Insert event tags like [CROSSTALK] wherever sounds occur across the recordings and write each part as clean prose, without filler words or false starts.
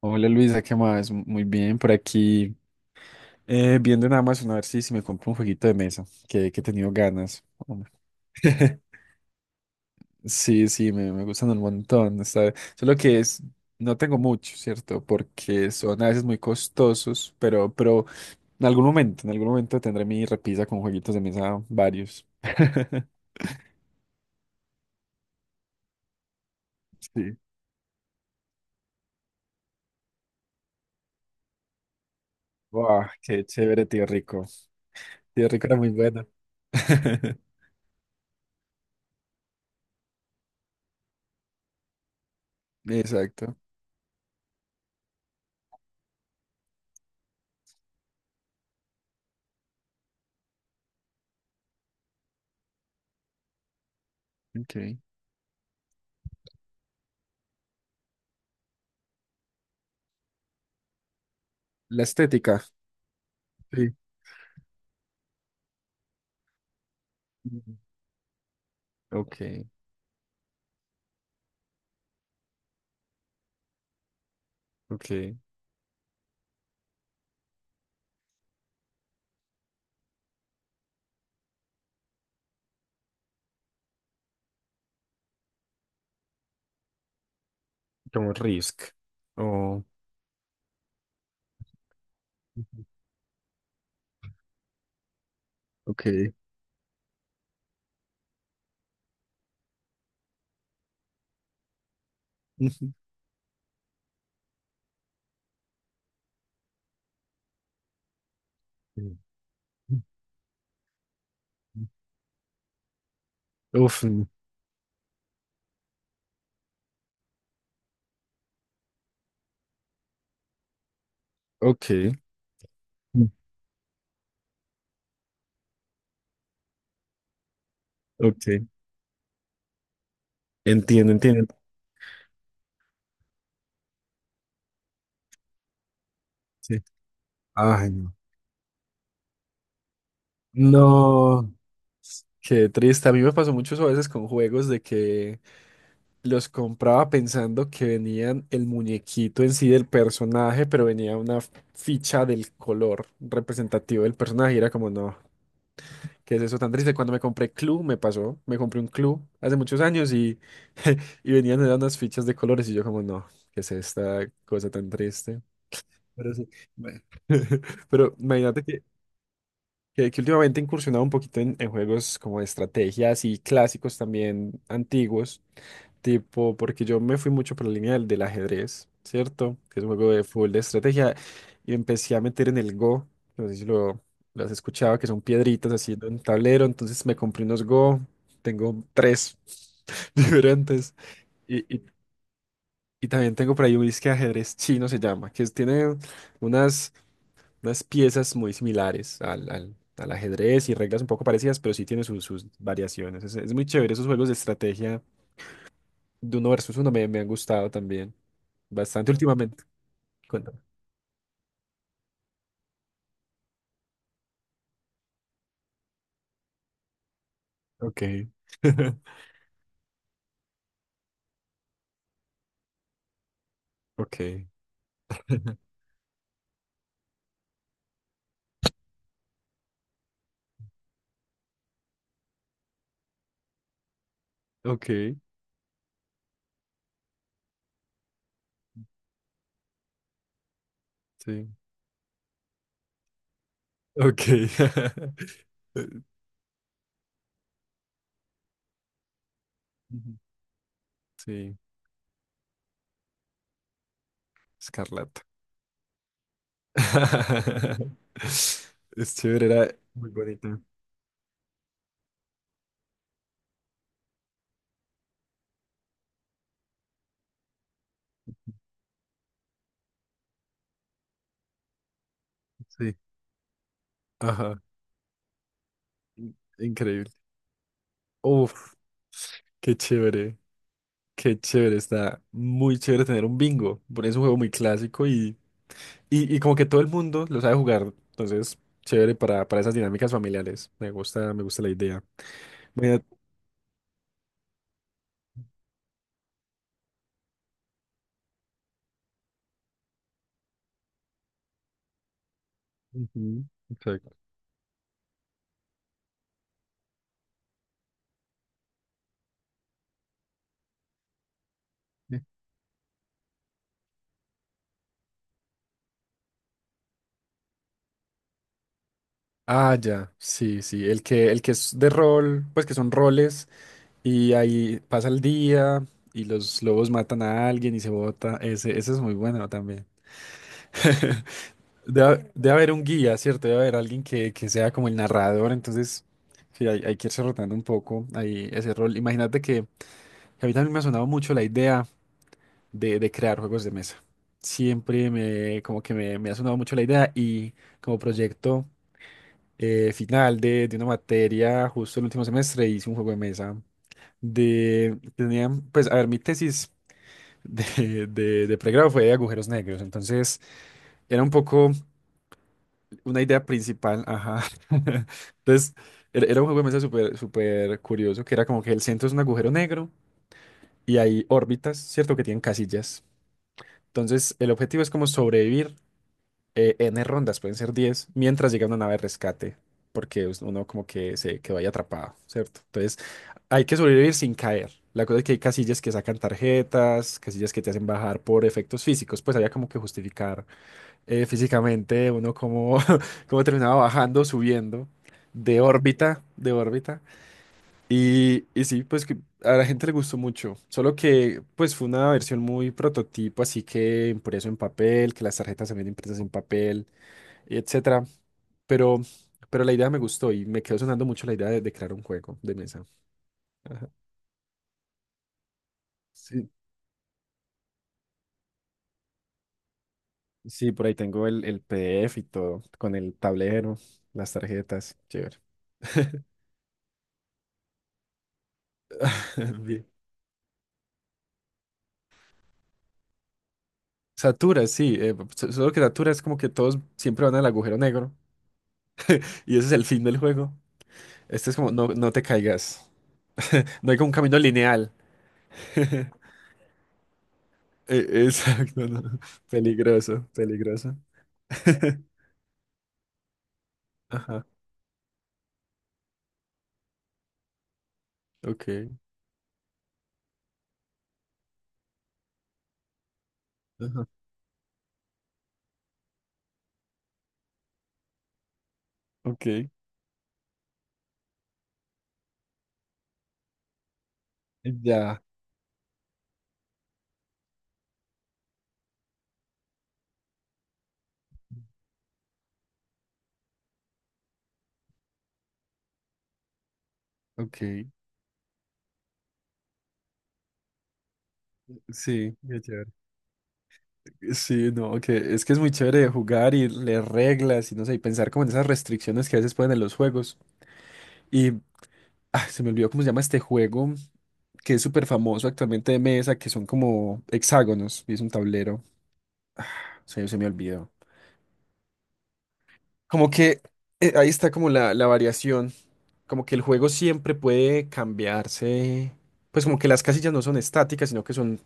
Hola Luisa, ¿qué más? Muy bien, por aquí viendo en Amazon a ver si me compro un jueguito de mesa, que he tenido ganas. Hombre. [LAUGHS] Sí, sí, me gustan un montón. Solo que es, no tengo mucho, ¿cierto? Porque son a veces muy costosos, pero en algún momento tendré mi repisa con jueguitos de mesa varios. [LAUGHS] Sí. Wow, qué chévere, tío Rico. Tío Rico era muy bueno. [LAUGHS] Exacto. Ok. La estética. Sí. Ok, ok. Como Risk. Oh, ujú. Ok. [LAUGHS] Uf, ok, mm, ok. Entiendo, entiendo. Sí. Ay, no. No. Qué triste. A mí me pasó mucho eso a veces con juegos de que los compraba pensando que venían el muñequito en sí del personaje, pero venía una ficha del color representativo del personaje. Y era como, no. ¿Qué es eso tan triste? Cuando me compré Clue, me pasó. Me compré un Clue hace muchos años y, [LAUGHS] y venían eran unas fichas de colores y yo como, no, ¿qué es esta cosa tan triste? Pero sí. Bueno. [LAUGHS] Pero imagínate que últimamente he incursionado un poquito en juegos como de estrategias y clásicos también antiguos. Tipo, porque yo me fui mucho por la línea del ajedrez, ¿cierto? Que es un juego de fútbol de estrategia. Y empecé a meter en el Go. No sé si lo has escuchado, que son piedritas haciendo un tablero. Entonces me compré unos Go. Tengo tres [LAUGHS] diferentes. Y, y, y también tengo por ahí un disque de ajedrez chino, se llama, tiene unas, unas piezas muy similares al ajedrez y reglas un poco parecidas, pero sí tiene sus, sus variaciones. Es muy chévere esos juegos de estrategia de uno versus uno me han gustado también. Bastante [LAUGHS] últimamente. Cuéntame. Ok. [LAUGHS] Ok. [LAUGHS] Ok. Sí. Ok. [LAUGHS] Ujú. Sí. Escarlata. [LAUGHS] Es chévere, era muy bonita. Sí. Ajá. Increíble. Uf, qué chévere. Qué chévere. Está muy chévere tener un bingo. Por eso es un juego muy clásico. Y. Y, y como que todo el mundo lo sabe jugar, entonces chévere para esas dinámicas familiares. Me gusta la idea. Mira, ujú, exacto. Sí. Ah, ya, sí, sí, el que es de rol, pues que son roles y ahí pasa el día y los lobos matan a alguien y se bota, ese es muy bueno también. [LAUGHS] Debe, debe haber un guía, ¿cierto? Debe haber alguien que sea como el narrador, entonces sí, hay que irse rotando un poco ahí ese rol. Imagínate que a mí también me ha sonado mucho la idea de crear juegos de mesa. Siempre como que me ha sonado mucho la idea y como proyecto final de una materia, justo el último semestre hice un juego de mesa de, tenía, pues, a ver, mi tesis de pregrado fue de agujeros negros, entonces era un poco una idea principal, ajá. [LAUGHS] Entonces, era, era un juego de mesa súper, súper curioso, que era como que el centro es un agujero negro y hay órbitas, ¿cierto? Que tienen casillas. Entonces, el objetivo es como sobrevivir N rondas, pueden ser 10 mientras llega una nave de rescate, porque uno como que se quedó ahí atrapado, ¿cierto? Entonces, hay que sobrevivir sin caer. La cosa es que hay casillas que sacan tarjetas, casillas que te hacen bajar por efectos físicos, pues había como que justificar físicamente uno como [LAUGHS] cómo terminaba bajando, subiendo de órbita, de órbita. Y sí, pues que a la gente le gustó mucho, solo que pues fue una versión muy prototipo, así que impreso en papel, que las tarjetas se ven impresas en papel y etcétera. Pero, pero la idea me gustó y me quedó sonando mucho la idea de crear un juego de mesa. Ajá. Sí, sí, por ahí tengo el PDF y todo, con el tablero, las tarjetas, chévere. [LAUGHS] Bien. Satura, sí, solo que Satura es como que todos siempre van al agujero negro [LAUGHS] y ese es el fin del juego. Este es como, no, no te caigas. No hay como un camino lineal. [LAUGHS] Exacto, no. Peligroso, peligroso. [LAUGHS] Ajá, ok. Ajá, ok. Ya, ok. Sí, qué chévere. Sí, no, que es muy chévere jugar y leer reglas y no sé, y pensar como en esas restricciones que a veces ponen en los juegos. Y se me olvidó cómo se llama este juego, que es súper famoso actualmente de mesa, que son como hexágonos y es un tablero. Se me olvidó. Como que ahí está como la variación, como que el juego siempre puede cambiarse. Pues como que las casillas no son estáticas, sino que son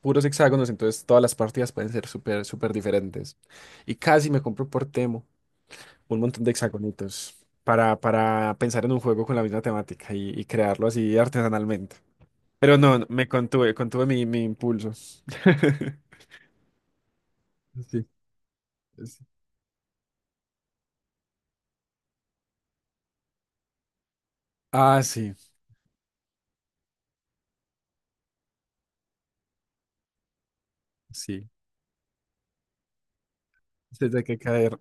puros hexágonos, entonces todas las partidas pueden ser súper, súper diferentes. Y casi me compro por Temu un montón de hexagonitos para pensar en un juego con la misma temática y crearlo así artesanalmente. Pero no, no, me contuve, contuve mi impulso. [LAUGHS] Sí, sí. Ah, sí, sí. Se tiene que caer.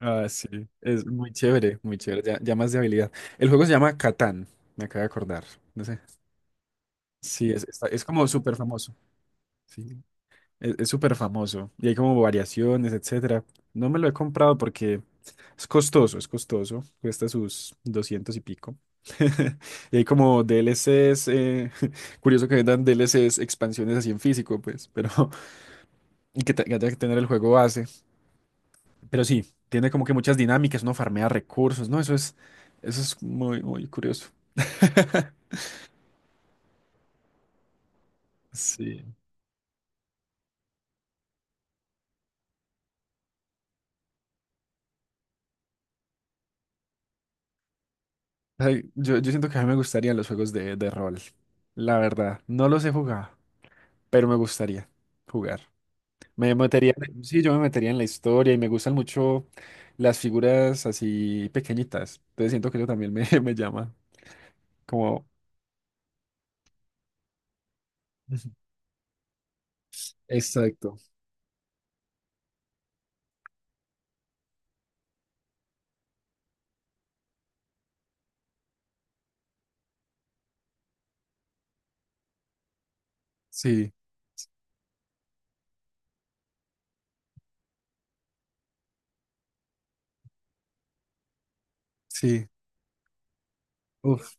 Ah, sí. Es muy chévere, muy chévere. Ya, ya más de habilidad. El juego se llama Catán, me acabo de acordar. No sé. Sí, es, es como súper famoso. Sí. Es súper famoso y hay como variaciones, etcétera. No me lo he comprado porque es costoso, es costoso. Cuesta sus 200 y pico. [LAUGHS] Y hay como D DLCs, [LAUGHS] curioso que vendan D L DLCs, expansiones así en físico, pues, pero [LAUGHS] y que haya que tener el juego base. Pero sí, tiene como que muchas dinámicas, uno farmea recursos, ¿no? Eso es muy, muy curioso. Sí. Ay, yo siento que a mí me gustarían los juegos de rol. La verdad, no los he jugado, pero me gustaría jugar. Me metería, sí, yo me metería en la historia y me gustan mucho las figuras así pequeñitas. Entonces siento que eso también me, [LAUGHS] me llama. Como, [LAUGHS] ujú, exacto. Sí, sí. Uf,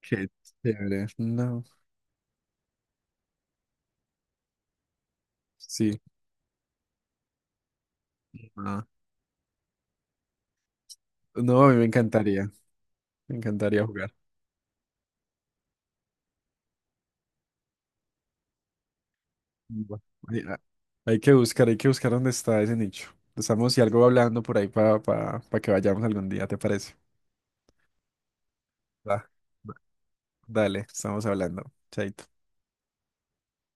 qué chévere. No, sí. No, no, a mí me encantaría. Me encantaría jugar. Bueno, hay, hay que buscar dónde está ese nicho. Estamos y algo hablando por ahí para que vayamos algún día, ¿te parece? Va, va. Dale, estamos hablando. Chaito.